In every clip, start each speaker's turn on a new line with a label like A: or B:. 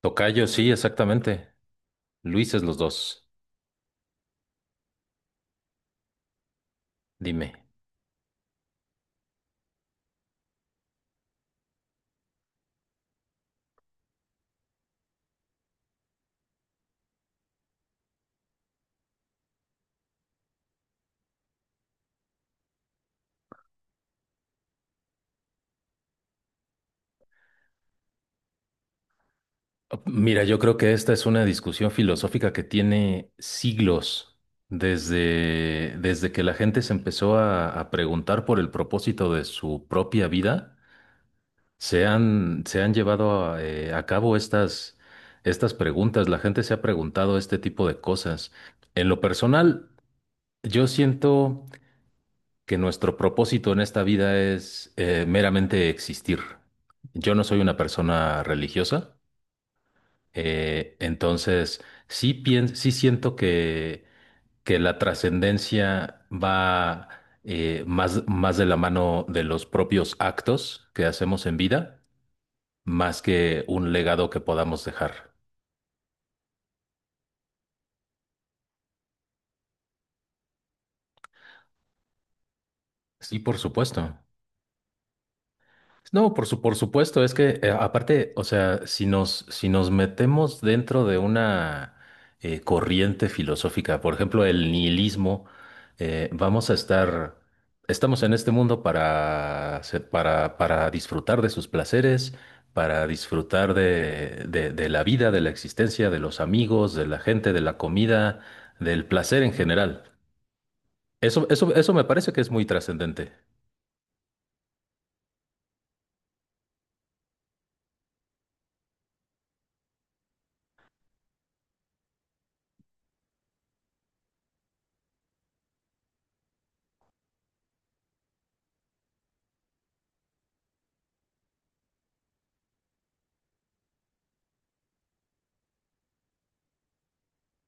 A: Tocayo, sí, exactamente. Luises los dos. Dime. Oh, Mira, yo creo que esta es una discusión filosófica que tiene siglos desde que la gente se empezó a preguntar por el propósito de su propia vida. Se han llevado a cabo estas preguntas. La gente se ha preguntado este tipo de cosas. En lo personal, yo siento que nuestro propósito en esta vida es meramente existir. Yo no soy una persona religiosa, entonces sí, sí siento que la trascendencia va, más, más de la mano de los propios actos que hacemos en vida, más que un legado que podamos dejar. Sí, por supuesto. No, por supuesto. Es que aparte, o sea, si nos metemos dentro de una, corriente filosófica, por ejemplo, el nihilismo. eh, vamos a estar, estamos en este mundo para, para disfrutar de sus placeres, para disfrutar de la vida, de la existencia, de los amigos, de la gente, de la comida, del placer en general. Eso me parece que es muy trascendente.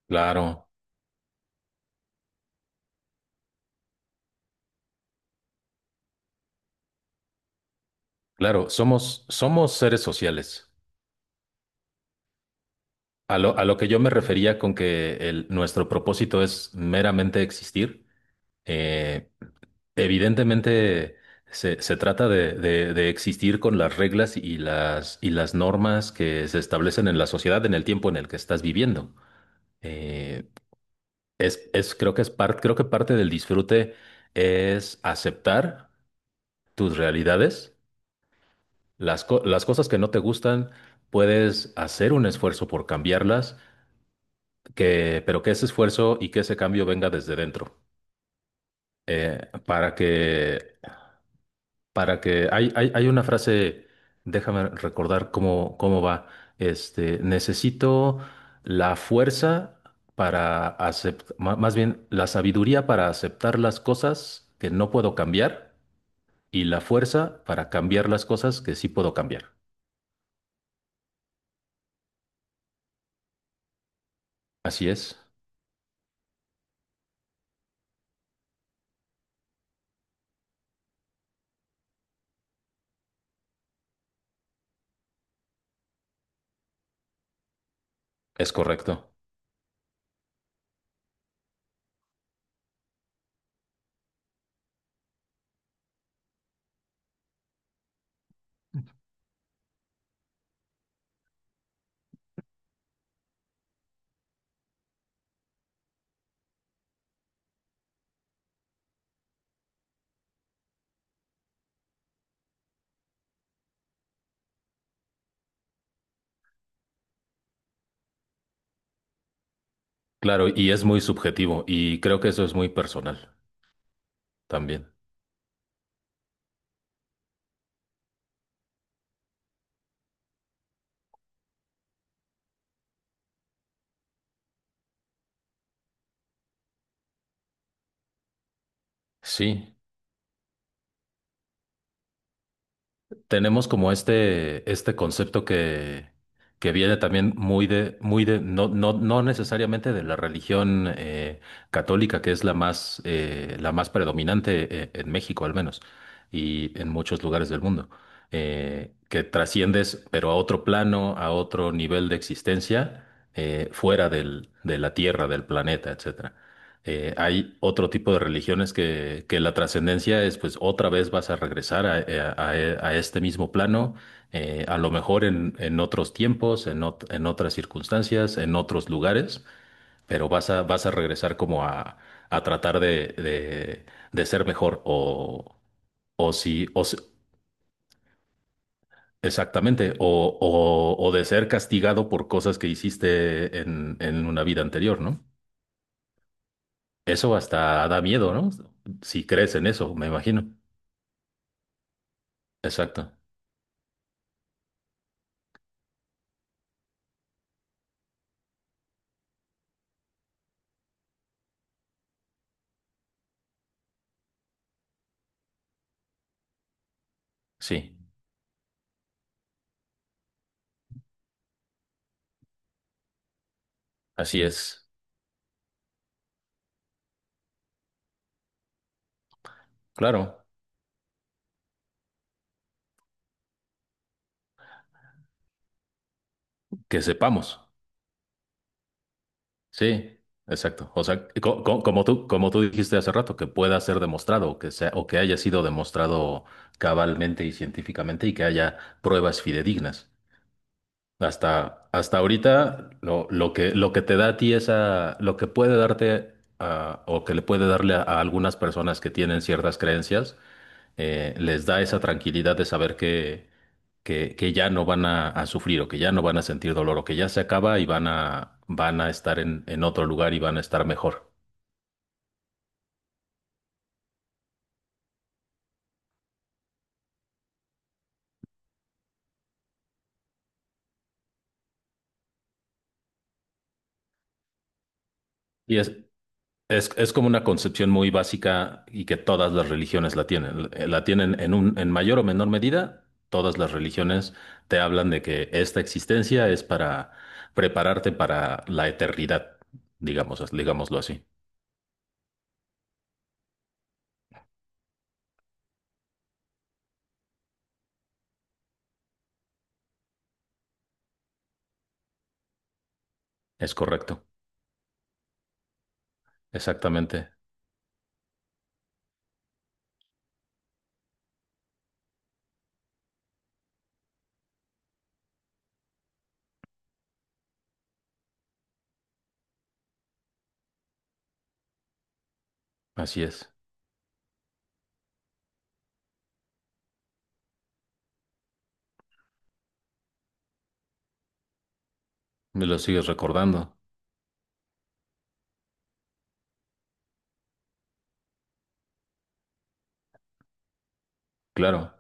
A: Claro. Claro, somos seres sociales. A lo que yo me refería con que nuestro propósito es meramente existir, eh, evidentemente se trata de, de existir con las reglas y y las normas que se establecen en la sociedad en el tiempo en el que estás viviendo. Eh, creo que es parte, creo que parte del disfrute es aceptar tus realidades, las, las cosas que no te gustan. Puedes hacer un esfuerzo por cambiarlas que, pero que ese esfuerzo y que ese cambio venga desde dentro. Eh, para que, para que, hay una frase, déjame recordar cómo va. Este, necesito la fuerza para aceptar, más bien la sabiduría para aceptar las cosas que no puedo cambiar y la fuerza para cambiar las cosas que sí puedo cambiar. Así es correcto. Claro, y es muy subjetivo y creo que eso es muy personal también. Sí, tenemos como este concepto que viene también muy de, no, no, no necesariamente de la religión, católica, que es la más predominante en México al menos, y en muchos lugares del mundo. Que trasciendes, pero a otro plano, a otro nivel de existencia, fuera del, de la Tierra, del planeta, etc. Hay otro tipo de religiones que la trascendencia es, pues otra vez vas a regresar a, a este mismo plano, a lo mejor en otros tiempos, en, en otras circunstancias, en otros lugares, pero vas a, vas a regresar como a tratar de ser mejor o si, exactamente, o de ser castigado por cosas que hiciste en una vida anterior, ¿no? Eso hasta da miedo, ¿no? Si crees en eso, me imagino. Exacto, sí, así es. Claro, que sepamos, sí, exacto. O sea, como tú dijiste hace rato, que pueda ser demostrado, que sea, o que haya sido demostrado cabalmente y científicamente y que haya pruebas fidedignas. Hasta, hasta ahorita, lo que te da a ti esa, lo que puede darte, ah, o que le puede darle a algunas personas que tienen ciertas creencias, les da esa tranquilidad de saber que ya no van a sufrir o que ya no van a sentir dolor o que ya se acaba y van a, van a estar en otro lugar y van a estar mejor. Y es, es como una concepción muy básica y que todas las religiones la tienen. La tienen en un, en mayor o menor medida. Todas las religiones te hablan de que esta existencia es para prepararte para la eternidad, digamos, digámoslo así. Es correcto. Exactamente. Así es. Me lo sigues recordando. Claro.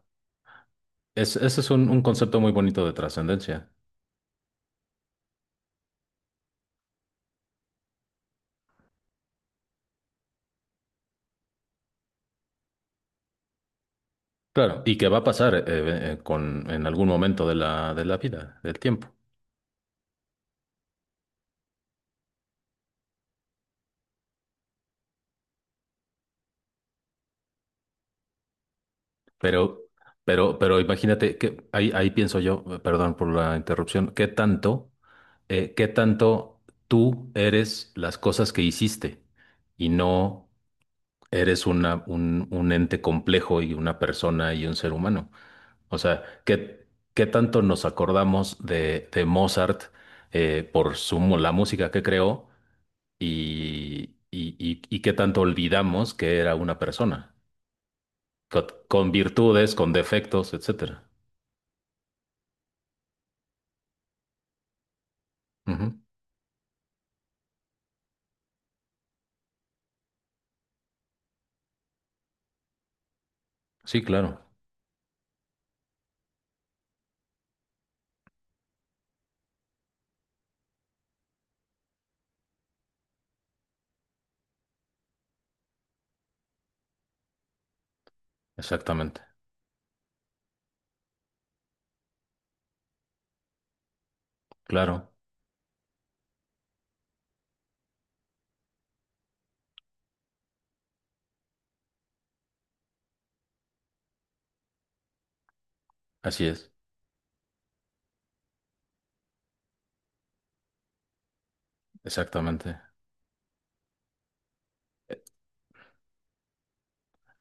A: Ese es un concepto muy bonito de trascendencia. Claro. Y que va a pasar con, en algún momento de la vida, del tiempo. Pero, pero imagínate que ahí, ahí pienso yo, perdón por la interrupción, qué tanto tú eres las cosas que hiciste y no eres una, un ente complejo y una persona y un ser humano? O sea, ¿qué, qué tanto nos acordamos de Mozart, por su, la música que creó y qué tanto olvidamos que era una persona? Con virtudes, con defectos, etcétera. Ujú. Sí, claro, exactamente. Claro, así es, exactamente.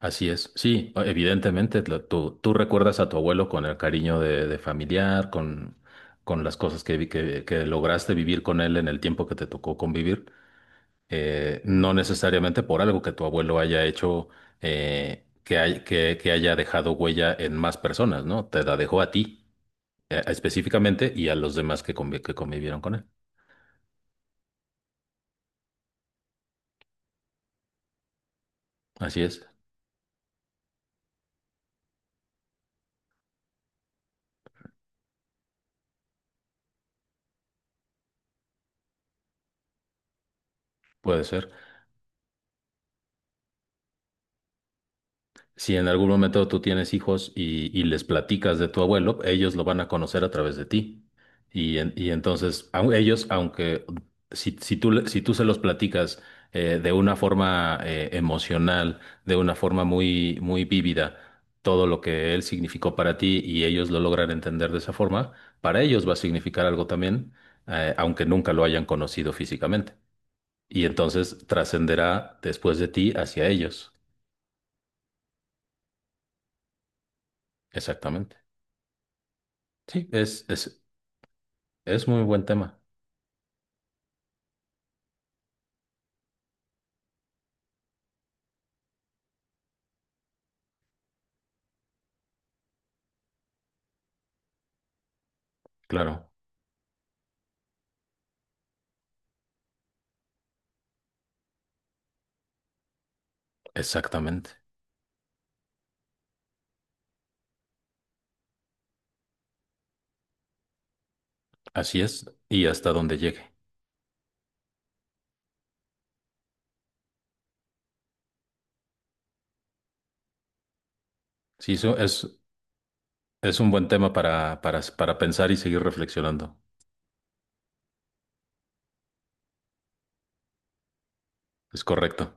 A: Así es. Sí, evidentemente, tú, tú recuerdas a tu abuelo con el cariño de familiar, con las cosas que, que lograste vivir con él en el tiempo que te tocó convivir. No necesariamente por algo que tu abuelo haya hecho, que haya dejado huella en más personas, ¿no? Te la dejó a ti, específicamente y a los demás que, que convivieron con él. Así es, puede ser. Si en algún momento tú tienes hijos y les platicas de tu abuelo, ellos lo van a conocer a través de ti. Y entonces, ellos, aunque si tú, si tú se los platicas, de una forma, emocional, de una forma muy vívida, todo lo que él significó para ti y ellos lo logran entender de esa forma, para ellos va a significar algo también, aunque nunca lo hayan conocido físicamente. Y entonces trascenderá después de ti hacia ellos. Exactamente. Sí, es muy buen tema. Claro, exactamente. Así es. Y hasta donde llegue. Sí, es un buen tema para pensar y seguir reflexionando. Es correcto.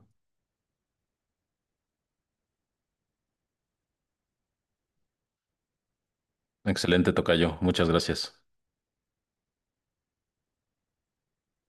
A: Excelente, tocayo. Muchas gracias.